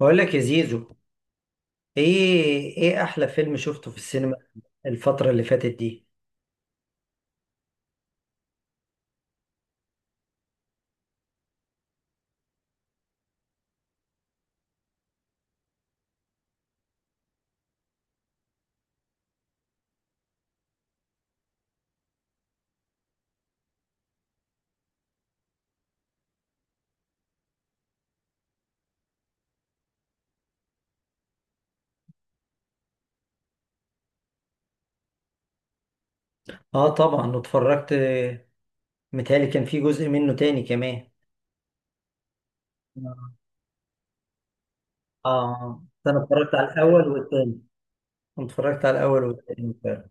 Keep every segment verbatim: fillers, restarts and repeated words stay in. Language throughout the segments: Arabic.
بقول لك يا زيزو، ايه ايه احلى فيلم شفته في السينما الفترة اللي فاتت دي؟ اه، طبعا واتفرجت. متهيألي كان في جزء منه تاني كمان. اه، انا اتفرجت على الاول والتاني. أنا اتفرجت على الاول والتاني فعلا.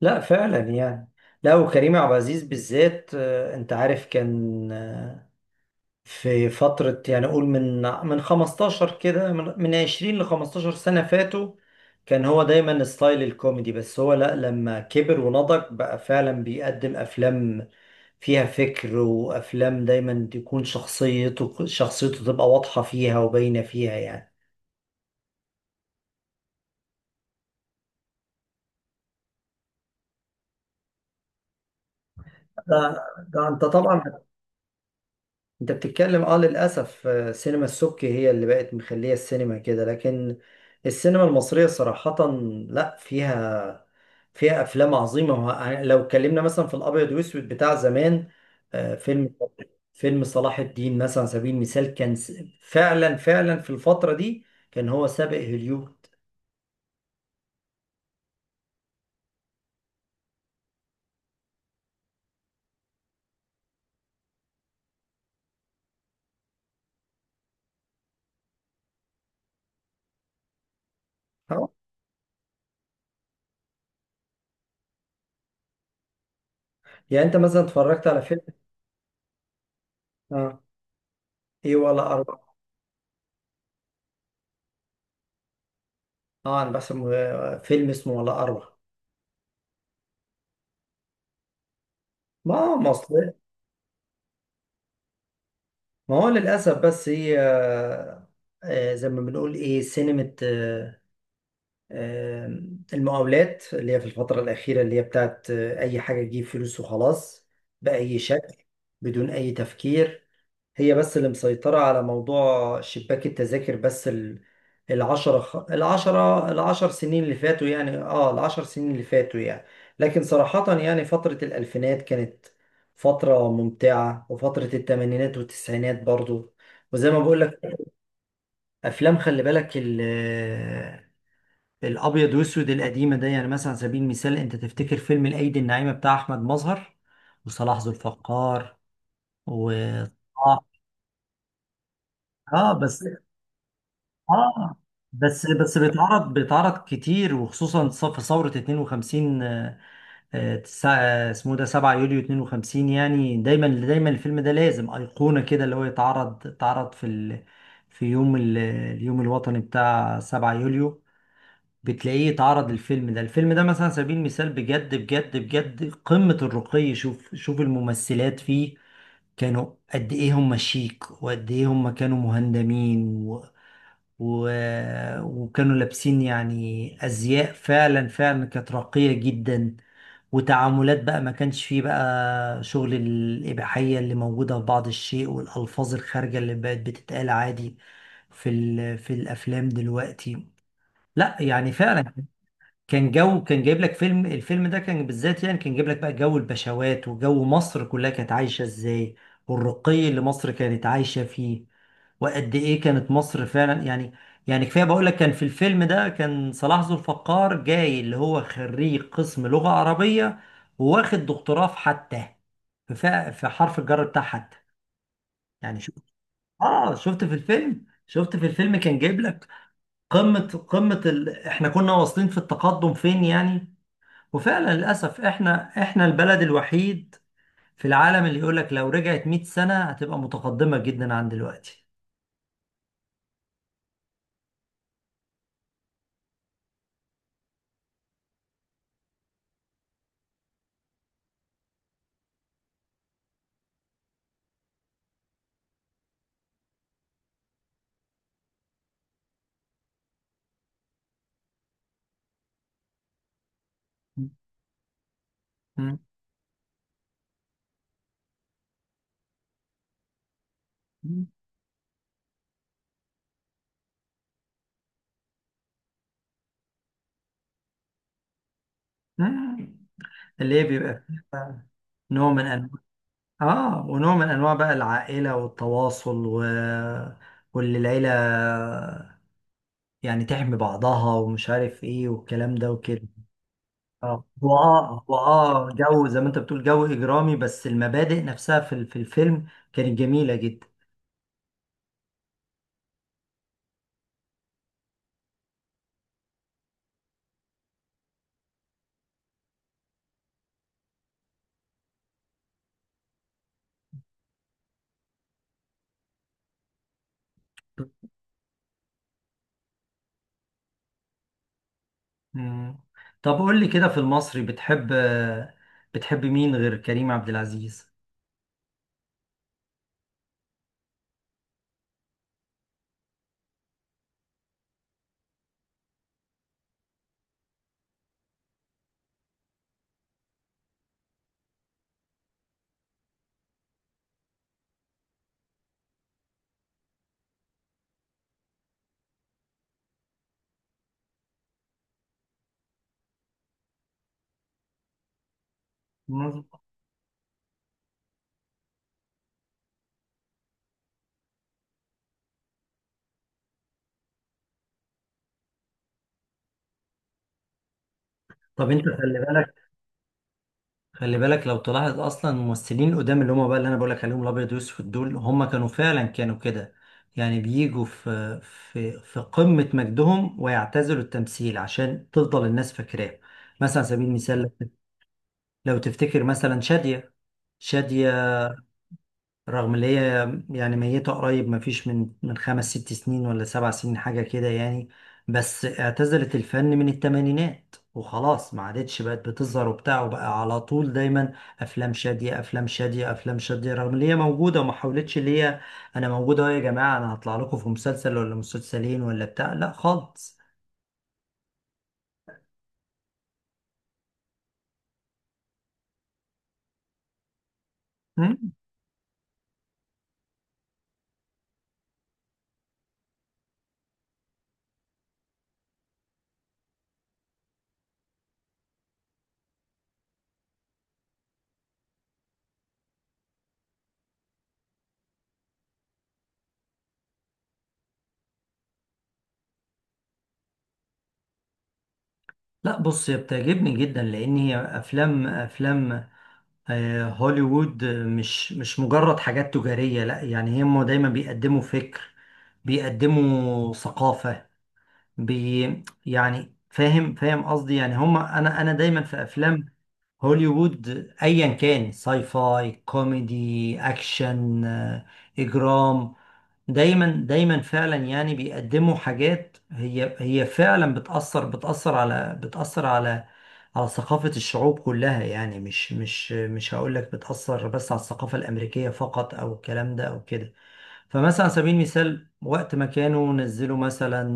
لا فعلا يعني. لا، وكريم عبد العزيز بالذات، آه، انت عارف كان، آه، في فترة يعني أقول من من خمستاشر كده من من عشرين ل خمستاشر سنة فاتوا. كان هو دايما ستايل الكوميدي، بس هو لأ، لما كبر ونضج بقى فعلا بيقدم أفلام فيها فكر، وأفلام دايما تكون شخصيته شخصيته تبقى واضحة فيها وباينة فيها يعني. ده, ده انت طبعا. انت بتتكلم، اه للاسف، آه، سينما السبكي هي اللي بقت مخليه السينما كده. لكن السينما المصريه صراحه، لا فيها فيها افلام عظيمه، وه- يعني لو اتكلمنا مثلا في الابيض واسود بتاع زمان، آه، فيلم فيلم صلاح الدين مثلا على سبيل المثال، كان س- فعلا فعلا في الفتره دي كان هو سابق هوليود. اه. يعني انت مثلا اتفرجت على فيلم؟ اه، ايه ولا اروع. اه، انا بحسب آه، فيلم اسمه ولا اروع. ما مصر. ما هو للأسف، بس هي آه، زي ما بنقول، إيه سينما آه، آه، المقاولات، اللي هي في الفترة الأخيرة، اللي هي بتاعت آه، أي حاجة تجيب فلوس وخلاص، بأي شكل، بدون أي تفكير، هي بس اللي مسيطرة على موضوع شباك التذاكر. بس ال- العشرة خ- العشرة العشر سنين اللي فاتوا يعني، اه، العشر سنين اللي فاتوا يعني. لكن صراحة يعني فترة الألفينات كانت فترة ممتعة، وفترة التمانينات والتسعينات برضو. وزي ما بقول لك، أفلام، خلي بالك، ال- الأبيض وأسود القديمة ده، يعني مثلا على سبيل المثال، أنت تفتكر فيلم الأيدي الناعمة بتاع أحمد مظهر وصلاح ذو الفقار. و اه آه، بس، اه بس بس بيتعرض بيتعرض كتير، وخصوصا ص- في ثورة اتنين وخمسين، آه، آه، تسعة- آه، اسمه ده، سبعة يوليو اتنين وخمسين. يعني دايما دايما الفيلم ده لازم أيقونة كده، اللي هو يتعرض اتعرض في ال... في يوم ال... اليوم الوطني بتاع سبعة يوليو، بتلاقيه اتعرض. الفيلم ده، الفيلم ده مثلا على سبيل المثال، بجد بجد بجد قمة الرقي. شوف، شوف الممثلات فيه كانوا قد ايه هم شيك، وقد ايه هم كانوا مهندمين، و... وكانوا لابسين يعني أزياء فعلا فعلا كانت راقية جدا. وتعاملات بقى، ما كانش فيه بقى شغل الإباحية اللي موجودة في بعض الشيء، والألفاظ الخارجة اللي بقت بتتقال عادي في ال... في الأفلام دلوقتي. لا يعني فعلا كان جو، كان جايب لك فيلم، الفيلم ده كان بالذات يعني كان جايب لك بقى جو البشوات، وجو مصر كلها كانت عايشة ازاي، والرقي اللي مصر كانت عايشة فيه، وقد ايه كانت مصر فعلا يعني. يعني كفاية بقول لك، كان في الفيلم ده كان صلاح ذو الفقار جاي، اللي هو خريج قسم لغة عربية، وواخد دكتوراه في حتى، في فا- في حرف الجر بتاع حتى، يعني شوف. اه، شفت في الفيلم، شفت في الفيلم كان جايب لك قمة، قمة ال... احنا كنا واصلين في التقدم فين يعني. وفعلا للأسف احنا احنا البلد الوحيد في العالم اللي يقولك لو رجعت مئة سنة هتبقى متقدمة جدا عن دلوقتي. م- م- م- اللي هي بيبقى فيه بقى نوع من أنواع، آه ونوع من أنواع بقى، العائلة والتواصل و... واللي العيلة يعني تحمي بعضها، ومش عارف إيه والكلام ده وكده. اه هو، اه هو، اه جو زي ما انت بتقول، جو اجرامي، بس المبادئ نفسها في ال- في الفيلم كانت جميله جدا. مم. طب قول لي كده، في المصري بتحب بتحب مين غير كريم عبد العزيز؟ مم. طب انت خلي بالك، خلي بالك، لو تلاحظ اصلا الممثلين قدام، اللي هم بقى، اللي انا بقول لك عليهم الابيض والاسود دول، هم كانوا فعلا كانوا كده يعني، بيجوا في في في قمة مجدهم ويعتزلوا التمثيل عشان تفضل الناس فاكراه. مثلا على سبيل المثال، لو تفتكر مثلا شادية، شادية رغم اللي هي يعني ميتة قريب، مفيش من من خمس ست سنين ولا سبع سنين حاجة كده يعني، بس اعتزلت الفن من التمانينات وخلاص. ما عادتش بقت بتظهر وبتاع، وبقى على طول دايما أفلام شادية، أفلام شادية، أفلام شادية، رغم اللي هي موجودة وما حاولتش اللي هي أنا موجودة أهو يا جماعة، أنا هطلع لكم في مسلسل ولا مسلسلين ولا بتاع، لا خالص. مم. لا، بص، هي بتعجبني جدا لأن هي أفلام أفلام آه، هوليوود آه، مش مش مجرد حاجات تجارية، لا يعني هم دايما بيقدموا فكر، بيقدموا ثقافة، بي يعني فاهم فاهم قصدي يعني، هم انا انا دايما في افلام هوليوود، ايا كان ساي فاي، كوميدي، اكشن، آه، اجرام، دايما دايما فعلا يعني بيقدموا حاجات هي هي فعلا بتأثر بتأثر على بتأثر على على ثقافة الشعوب كلها يعني، مش مش مش هقول لك بتأثر بس على الثقافة الأمريكية فقط، أو الكلام ده أو كده. فمثلا على سبيل المثال، وقت ما كانوا نزلوا مثلا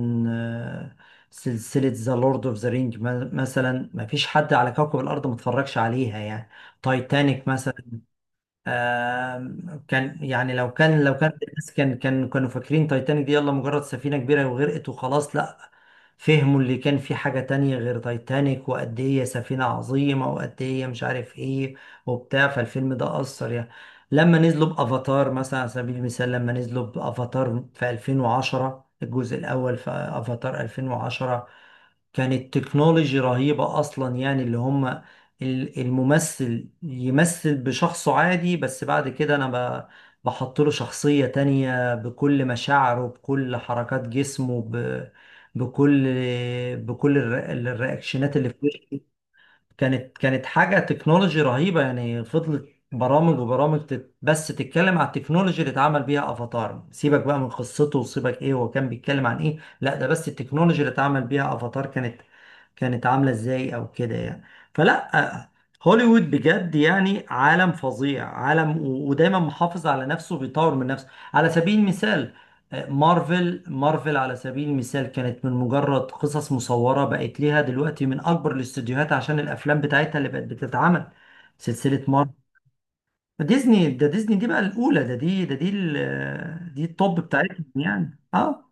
آه، سلسلة ذا لورد اوف ذا رينج مثلا، ما فيش حد على كوكب الأرض ما اتفرجش عليها يعني. تايتانيك مثلا، آم، كان يعني، لو كان لو كان الناس كان كان كانوا فاكرين تايتانيك دي يلا مجرد سفينة كبيرة وغرقت وخلاص، لا. فهموا اللي كان في حاجة تانية غير تايتانيك، وقد ايه هي سفينة عظيمة، وقد ايه هي مش عارف ايه وبتاع، فالفيلم ده أثر يعني. لما نزلوا بأفاتار مثلا على سبيل المثال لما نزلوا بأفاتار في ألفين وعشرة، الجزء الأول في أفاتار ألفين وعشرة، كانت تكنولوجي رهيبة أصلا يعني، اللي هم ال- الممثل يمثل بشخصه عادي، بس بعد كده انا ب- بحط له شخصية تانية، بكل مشاعره، بكل حركات جسمه، ب... بكل، بكل الر- الرياكشنات اللي في وشه. كانت كانت حاجة تكنولوجي رهيبة يعني. فضلت برامج وبرامج، تت بس تتكلم على التكنولوجي اللي اتعمل بيها افاتار، سيبك بقى من قصته، وسيبك ايه هو كان بيتكلم عن ايه، لا، ده بس التكنولوجي اللي اتعمل بيها افاتار كانت كانت عاملة ازاي او كده يعني. فلا، آه، هوليوود بجد يعني عالم فظيع، عالم و- ودايما محافظ على نفسه، بيطور من نفسه. على سبيل المثال، مارفل، مارفل على سبيل المثال كانت من مجرد قصص مصورة، بقت ليها دلوقتي من أكبر الاستديوهات عشان الأفلام بتاعتها اللي بقت بتتعمل سلسلة مارفل. ديزني، ده ديزني دي بقى الأولى، ده دي ده دي ال- دي التوب بتاعتهم يعني. اه،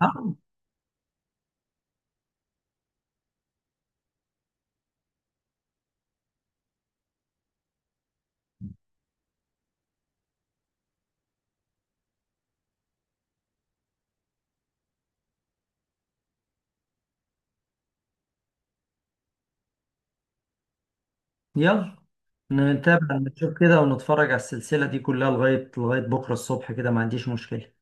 اه، يلا نتابع، نشوف كده ونتفرج على السلسلة دي كلها لغاية، لغاية بكرة الصبح كده، ما عنديش مشكلة.